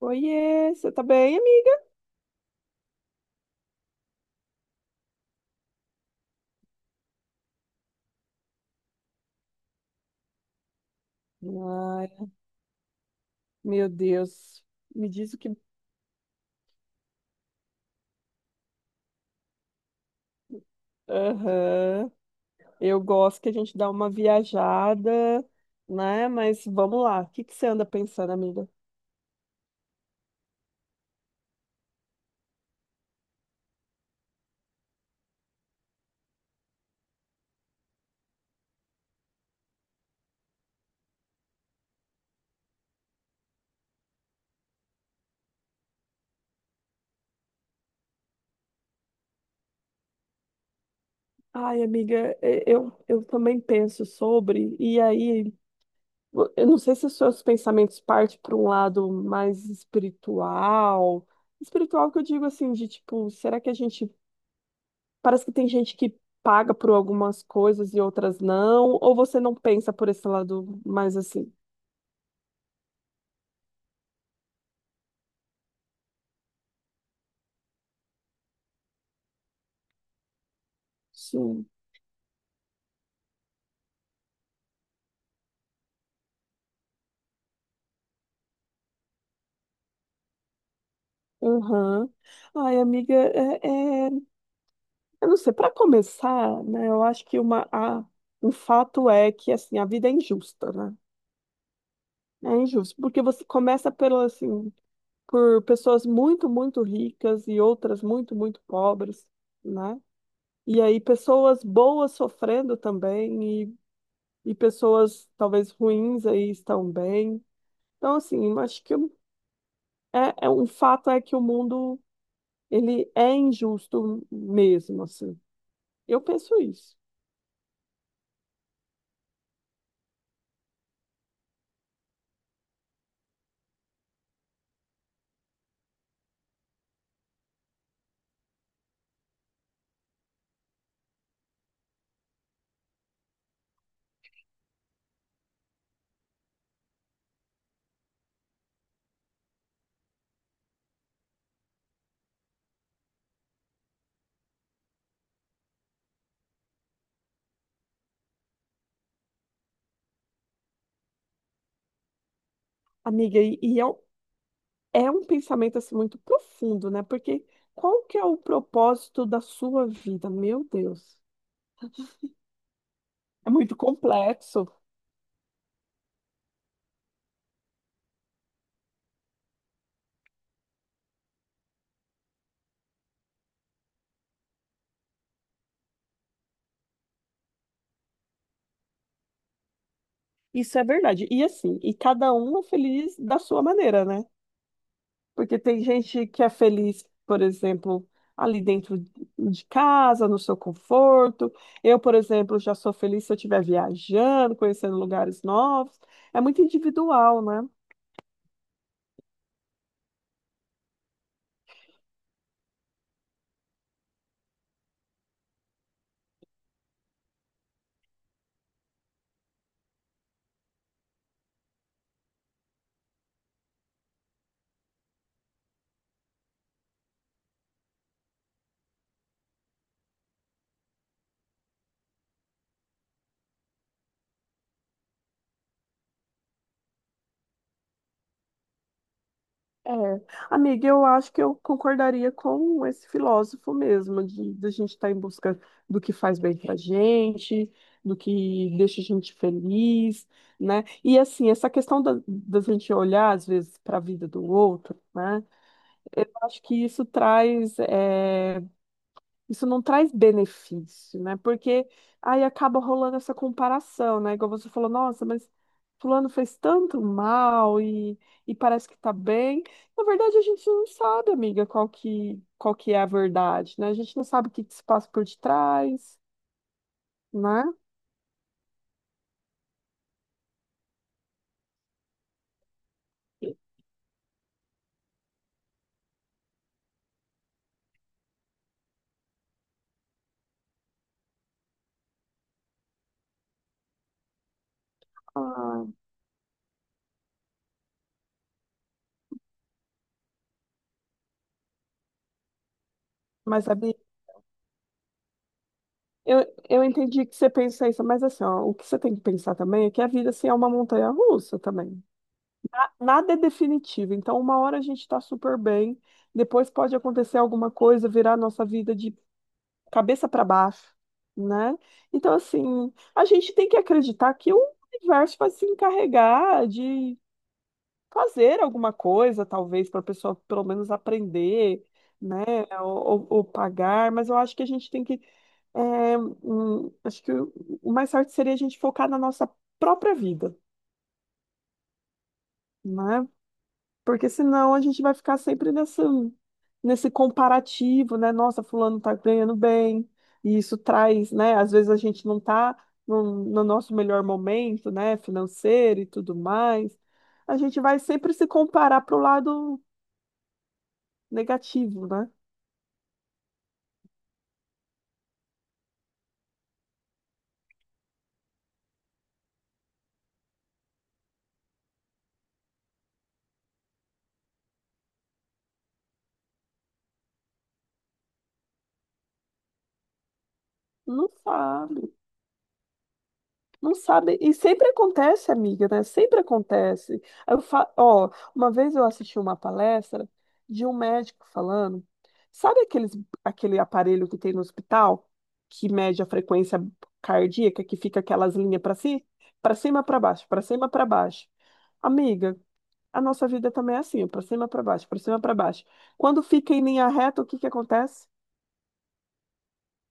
Oiê, você tá bem, amiga? Ai, meu Deus. Me diz o que. Aham. Eu gosto que a gente dá uma viajada, né? Mas vamos lá. O que que você anda pensando, amiga? Ai, amiga, eu também penso sobre, e aí, eu não sei se os seus pensamentos partem para um lado mais espiritual. Espiritual que eu digo assim, de tipo, será que a gente parece que tem gente que paga por algumas coisas e outras não, ou você não pensa por esse lado mais assim? Sim. Aham. Ai, amiga, eu não sei, para começar, né, eu acho que uma, a, um fato é que, assim, a vida é injusta, né? É injusto, porque você começa pelo, assim, por pessoas muito, muito ricas e outras muito, muito pobres, né? E aí pessoas boas sofrendo também e pessoas talvez ruins aí estão bem. Então, assim, eu acho que é um fato é que o mundo ele é injusto mesmo, assim. Eu penso isso, amiga, é um pensamento assim muito profundo, né? Porque qual que é o propósito da sua vida? Meu Deus, é muito complexo. Isso é verdade. E assim, e cada um é feliz da sua maneira, né? Porque tem gente que é feliz, por exemplo, ali dentro de casa, no seu conforto. Eu, por exemplo, já sou feliz se eu estiver viajando, conhecendo lugares novos. É muito individual, né? É. Amiga, eu acho que eu concordaria com esse filósofo mesmo, de a gente estar em busca do que faz bem pra gente, do que deixa a gente feliz, né? E assim, essa questão da, da gente olhar, às vezes, para a vida do outro, né? Eu acho que isso traz, isso não traz benefício, né? Porque aí acaba rolando essa comparação, né? Igual você falou, nossa, mas fulano fez tanto mal e parece que tá bem. Na verdade, a gente não sabe, amiga, qual que é a verdade, né? A gente não sabe o que que se passa por detrás, né? Ah, mas, Abi, eu, eu entendi que você pensa isso, mas assim, ó, o que você tem que pensar também é que a vida, assim, é uma montanha-russa também. Nada é definitivo. Então, uma hora a gente está super bem, depois pode acontecer alguma coisa, virar a nossa vida de cabeça para baixo, né? Então, assim, a gente tem que acreditar que o universo vai se encarregar de fazer alguma coisa, talvez, para a pessoa pelo menos aprender, né? Ou pagar, mas eu acho que a gente tem que. É, acho que o mais certo seria a gente focar na nossa própria vida. Né? Porque senão a gente vai ficar sempre nessa, nesse comparativo, né? Nossa, fulano tá ganhando bem, e isso traz, né? Às vezes a gente não tá no, no nosso melhor momento, né? Financeiro e tudo mais. A gente vai sempre se comparar pro lado negativo, né? Não faz. Não sabe. E sempre acontece, amiga, né? Sempre acontece. Aí Ó, uma vez eu assisti uma palestra de um médico falando, sabe aqueles, aquele aparelho que tem no hospital que mede a frequência cardíaca, que fica aquelas linhas para si, para cima, para baixo, para cima, para baixo. Amiga, a nossa vida também é assim, para cima, para baixo, para cima, para baixo. Quando fica em linha reta, o que que acontece?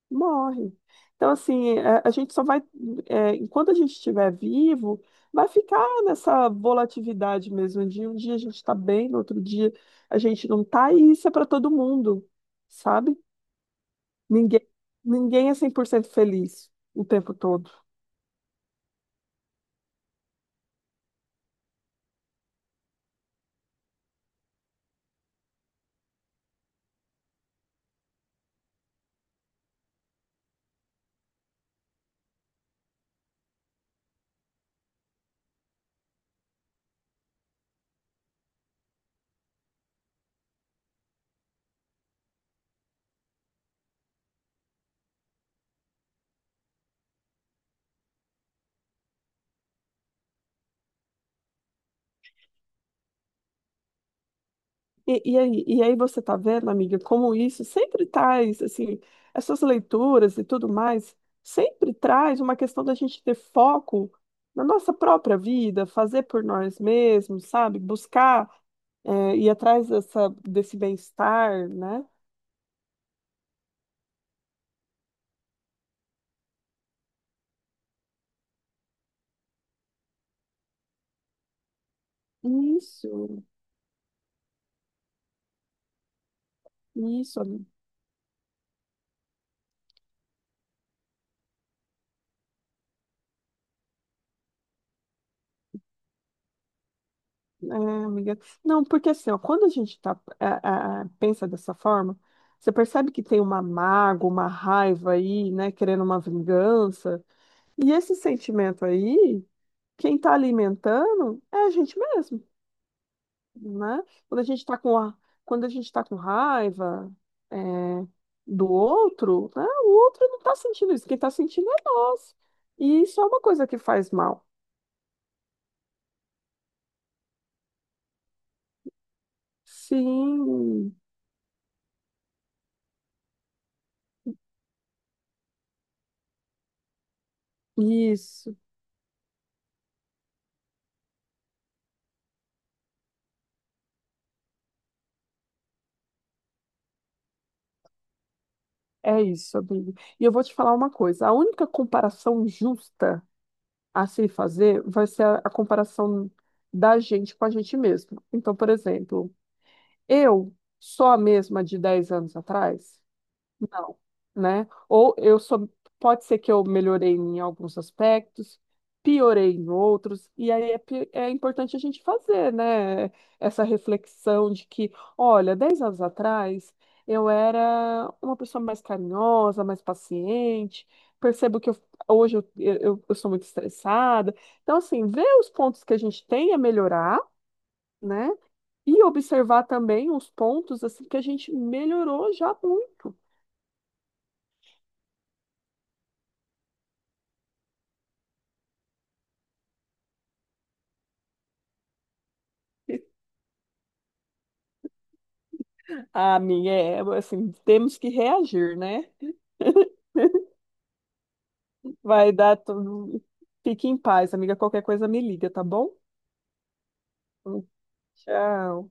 Morre. Então, assim, a gente só vai, é, enquanto a gente estiver vivo, vai ficar nessa volatilidade mesmo. De um dia a gente está bem, no outro dia a gente não está e isso é para todo mundo, sabe? Ninguém, ninguém é 100% feliz o tempo todo. E aí você tá vendo, amiga, como isso sempre traz, assim, essas leituras e tudo mais, sempre traz uma questão da gente ter foco na nossa própria vida, fazer por nós mesmos, sabe? Buscar, ir atrás dessa, desse bem-estar, né? Isso, isso, ami- é, amiga. Não, porque assim, ó, quando a gente tá, pensa dessa forma, você percebe que tem uma mágoa, uma raiva aí, né, querendo uma vingança, e esse sentimento aí, quem está alimentando é a gente mesmo, né? Quando a gente está com, a- quando a gente tá com raiva, é, do outro, né? O outro não está sentindo isso, quem está sentindo é nós. E isso é uma coisa que faz mal. Sim, isso, é isso, amigo. E eu vou te falar uma coisa: a única comparação justa a se fazer vai ser a comparação da gente com a gente mesmo. Então, por exemplo. Eu sou a mesma de 10 anos atrás? Não, né? Ou eu sou, pode ser que eu melhorei em alguns aspectos, piorei em outros, e aí é importante a gente fazer, né? Essa reflexão de que, olha, 10 anos atrás eu era uma pessoa mais carinhosa, mais paciente, percebo que hoje eu sou muito estressada. Então, assim, ver os pontos que a gente tem a melhorar, né? E observar também os pontos assim que a gente melhorou já muito. A minha é assim, temos que reagir, né? Vai dar tudo. Fique em paz, amiga. Qualquer coisa me liga, tá bom? Tchau.